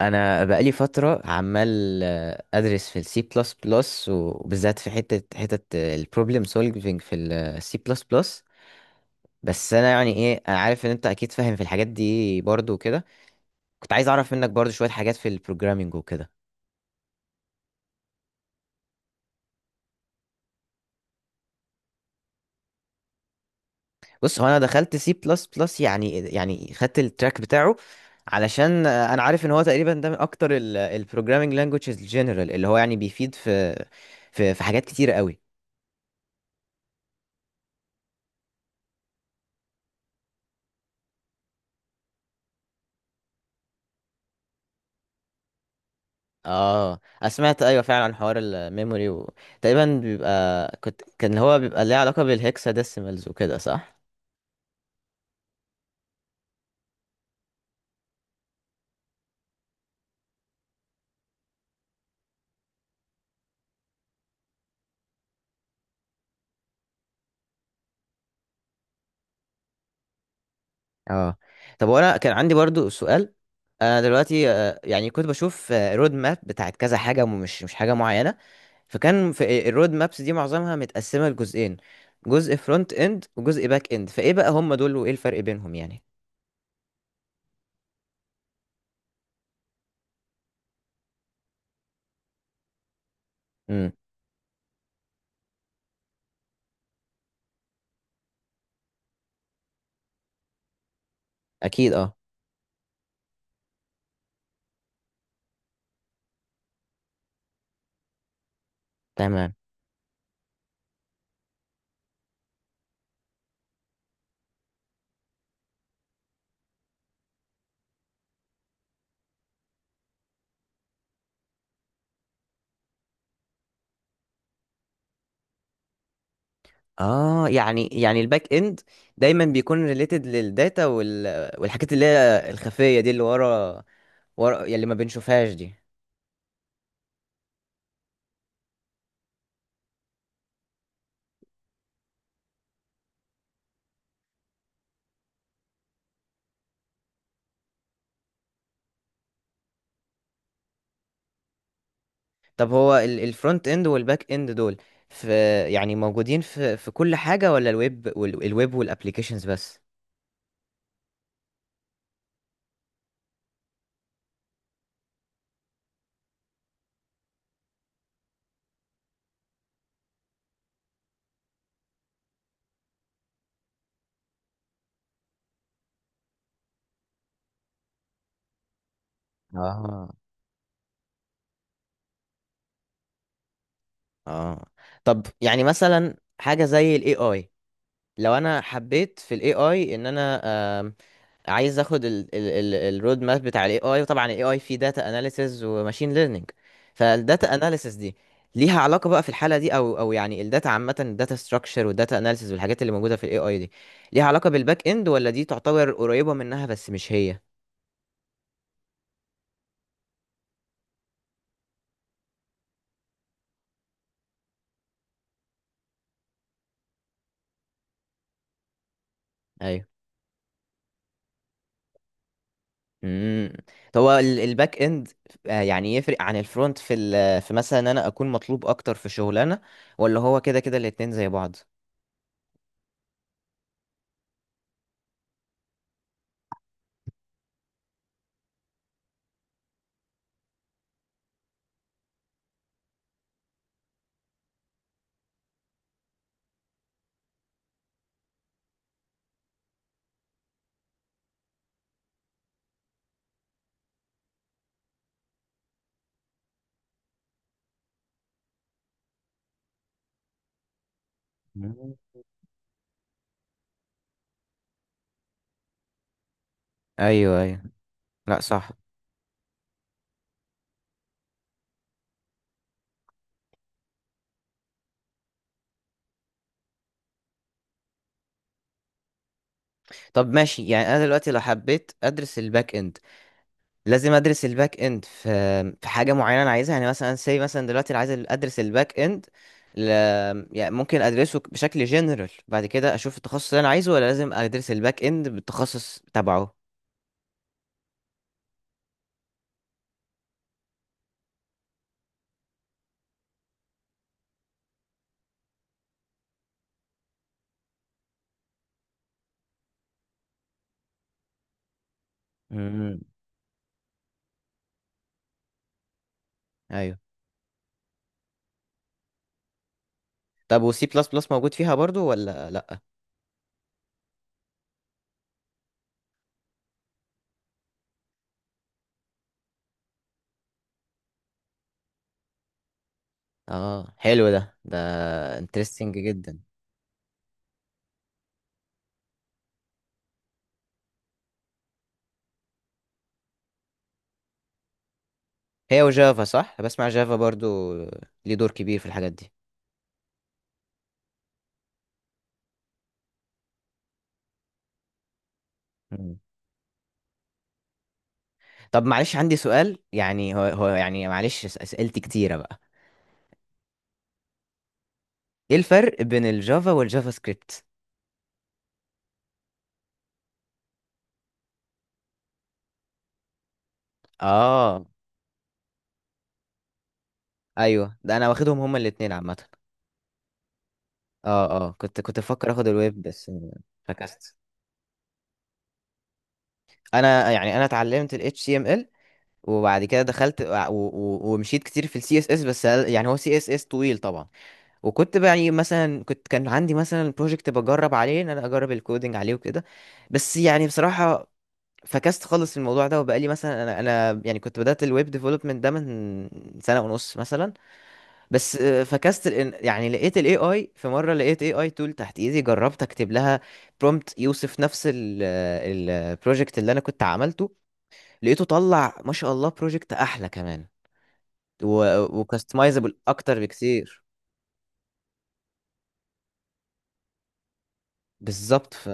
انا بقالي فتره عمال ادرس في السي بلس بلس، وبالذات في حته البروبلم سولفينج في السي بلس بلس. بس انا يعني ايه، انا عارف ان انت اكيد فاهم في الحاجات دي برضو وكده. كنت عايز اعرف منك برضو شويه حاجات في البروجرامينج وكده. بص، هو انا دخلت سي بلس بلس، يعني خدت التراك بتاعه، علشان انا عارف ان هو تقريبا ده من اكتر البروجرامينج لانجويجز الجنرال، اللي هو يعني بيفيد في في حاجات كتيره قوي. اه، أنا سمعت ايوه فعلا عن حوار الميموري و... تقريبا بيبقى كنت كان هو بيبقى ليه علاقه بالهكسا ديسيمالز وكده، صح؟ اه. طب، وانا كان عندي برضو سؤال. انا دلوقتي يعني كنت بشوف رود ماب بتاعت كذا حاجه، ومش مش حاجه معينه. فكان في الرود مابس دي معظمها متقسمه لجزئين، جزء فرونت اند وجزء باك اند. فايه بقى هم دول وايه الفرق بينهم يعني؟ امم. اكيد اه. تمام. اه، يعني الباك اند دايما بيكون ريليتد للداتا وال... والحاجات اللي هي الخفيه دي، اللي ورا، ورا يعني اللي ما بنشوفهاش دي. طب، هو الفرونت اند والباك اند دول في، يعني موجودين في كل حاجه، ولا الويب وال... الويب والابليكيشنز بس؟ اه. اه. طب يعني مثلا حاجه زي الاي اي، لو انا حبيت في الاي اي ان انا آم، عايز اخد الرود ماب بتاع الاي اي، وطبعا الاي اي فيه داتا اناليسز وماشين ليرنينج. فالداتا اناليسز دي ليها علاقه بقى في الحاله دي، او يعني الداتا عامه، الداتا ستراكشر والداتا اناليسز والحاجات اللي موجوده في الاي اي دي، ليها علاقه بالباك اند، ولا دي تعتبر قريبه منها بس مش هي؟ ايوه. امم. طب، هو الباك اند يعني يفرق عن الفرونت في في مثلا ان انا اكون مطلوب اكتر في شغلانه، ولا هو كده كده الاتنين زي بعض؟ ايوه ايوه. لا، صح. طب، ماشي. يعني انا دلوقتي لو حبيت ادرس الباك اند، لازم ادرس الباك اند في في حاجه معينه انا عايزها، يعني مثلا سي مثلا؟ دلوقتي أنا عايز ادرس الباك اند، ل... يعني ممكن ادرسه بشكل جنرال بعد كده اشوف التخصص اللي انا عايزه، ولا لازم ادرس الباك اند بالتخصص تبعه؟ امم. ايوه. طب وسي بلس بلس موجود فيها برضو ولا لا؟ اه، حلو ده. ده انترستنج جدا. هي وجافا، صح؟ بسمع جافا برضو ليه دور كبير في الحاجات دي. طب معلش عندي سؤال، يعني هو يعني معلش، اسئلتي كتيرة بقى. ايه الفرق بين الجافا والجافا سكريبت؟ اه ايوه، ده انا واخدهم هما الاتنين عامة. اه اه، كنت بفكر اخد الويب بس. فكست. انا يعني انا اتعلمت ال HTML، وبعد كده دخلت ومشيت كتير في ال CSS، بس يعني هو CSS طويل طبعا. وكنت بقى يعني مثلا، كنت كان عندي مثلا بروجكت بجرب عليه ان انا اجرب الكودينج عليه وكده. بس يعني بصراحة فكست خالص الموضوع ده. وبقالي مثلا، انا يعني كنت بدأت الويب ديفلوبمنت ده من سنة ونص مثلا. بس فكست يعني لقيت الاي اي. في مرة لقيت اي اي تول تحت ايدي، جربت اكتب لها برومبت يوصف نفس البروجكت اللي انا كنت عملته، لقيته طلع ما شاء الله بروجكت احلى كمان، وكاستمايزابل اكتر بكتير. بالظبط. ف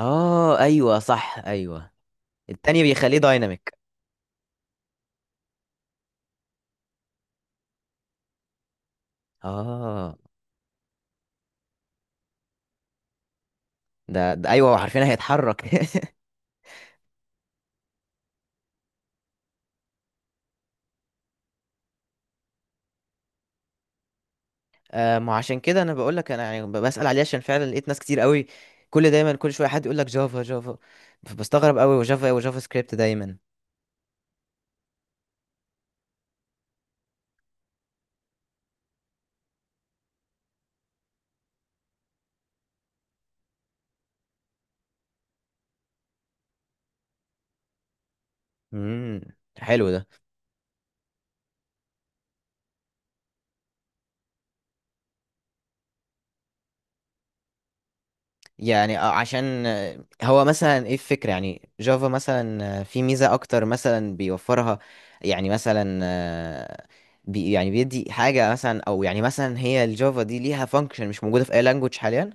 اه ايوه صح، ايوه. التاني بيخليه دايناميك. اه. ده, ايوه، وعارفين هيتحرك. ما عشان كده انا بقول لك. انا يعني بسأل عليه عشان فعلا لقيت ناس كتير قوي، كل دايما كل شويه حد يقول لك جافا جافا، فبستغرب قوي وجافا ايه وجافا سكريبت دايما. امم. حلو ده. يعني عشان هو مثلا ايه الفكره، يعني جافا مثلا في ميزه اكتر مثلا بيوفرها؟ يعني مثلا بي يعني بيدي حاجه مثلا، او يعني مثلا هي الجافا دي ليها فانكشن مش موجوده في اي لانجوج حاليا؟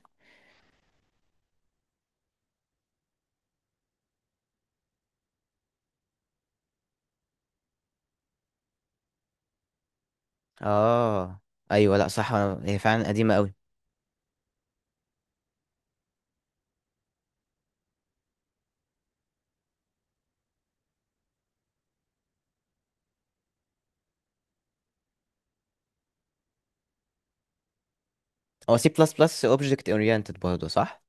اه ايوه، لا صح. هي فعلا قديمه قوي. هو سي بلس بلس اوبجكت اورينتد برضه، صح؟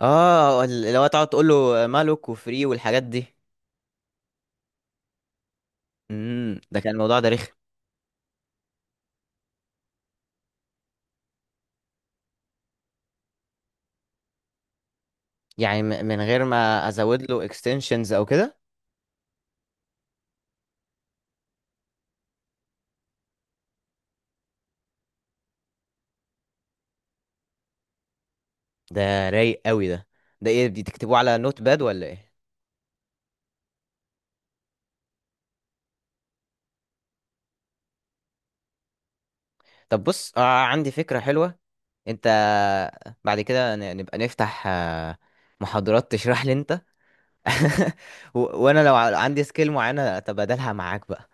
اه، ال- اللي هو تقعد تقول له مالك وفري والحاجات دي. امم، ده كان الموضوع ده رخم. يعني من غير ما ازود له اكستنشنز او كده؟ ده رايق قوي ده. ده ايه، دي تكتبوه على نوت باد ولا ايه؟ طب بص، آه، عندي فكرة حلوة. انت بعد كده نبقى نفتح محاضرات تشرح لي انت، و... وانا لو عندي سكيل معينة اتبادلها معاك بقى.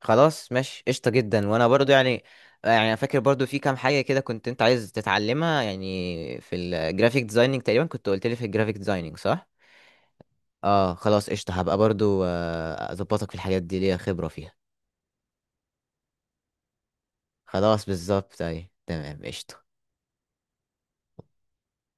خلاص ماشي، قشطة جدا. وانا برضو يعني، يعني انا فاكر برضو في كام حاجة كده كنت انت عايز تتعلمها، يعني في الجرافيك ديزايننج تقريبا، كنت قلت لي في الجرافيك ديزايننج، صح؟ اه، خلاص قشطة. هبقى برضو اظبطك في الحاجات دي، ليا خبرة فيها. خلاص، بالظبط، اي تمام قشطة.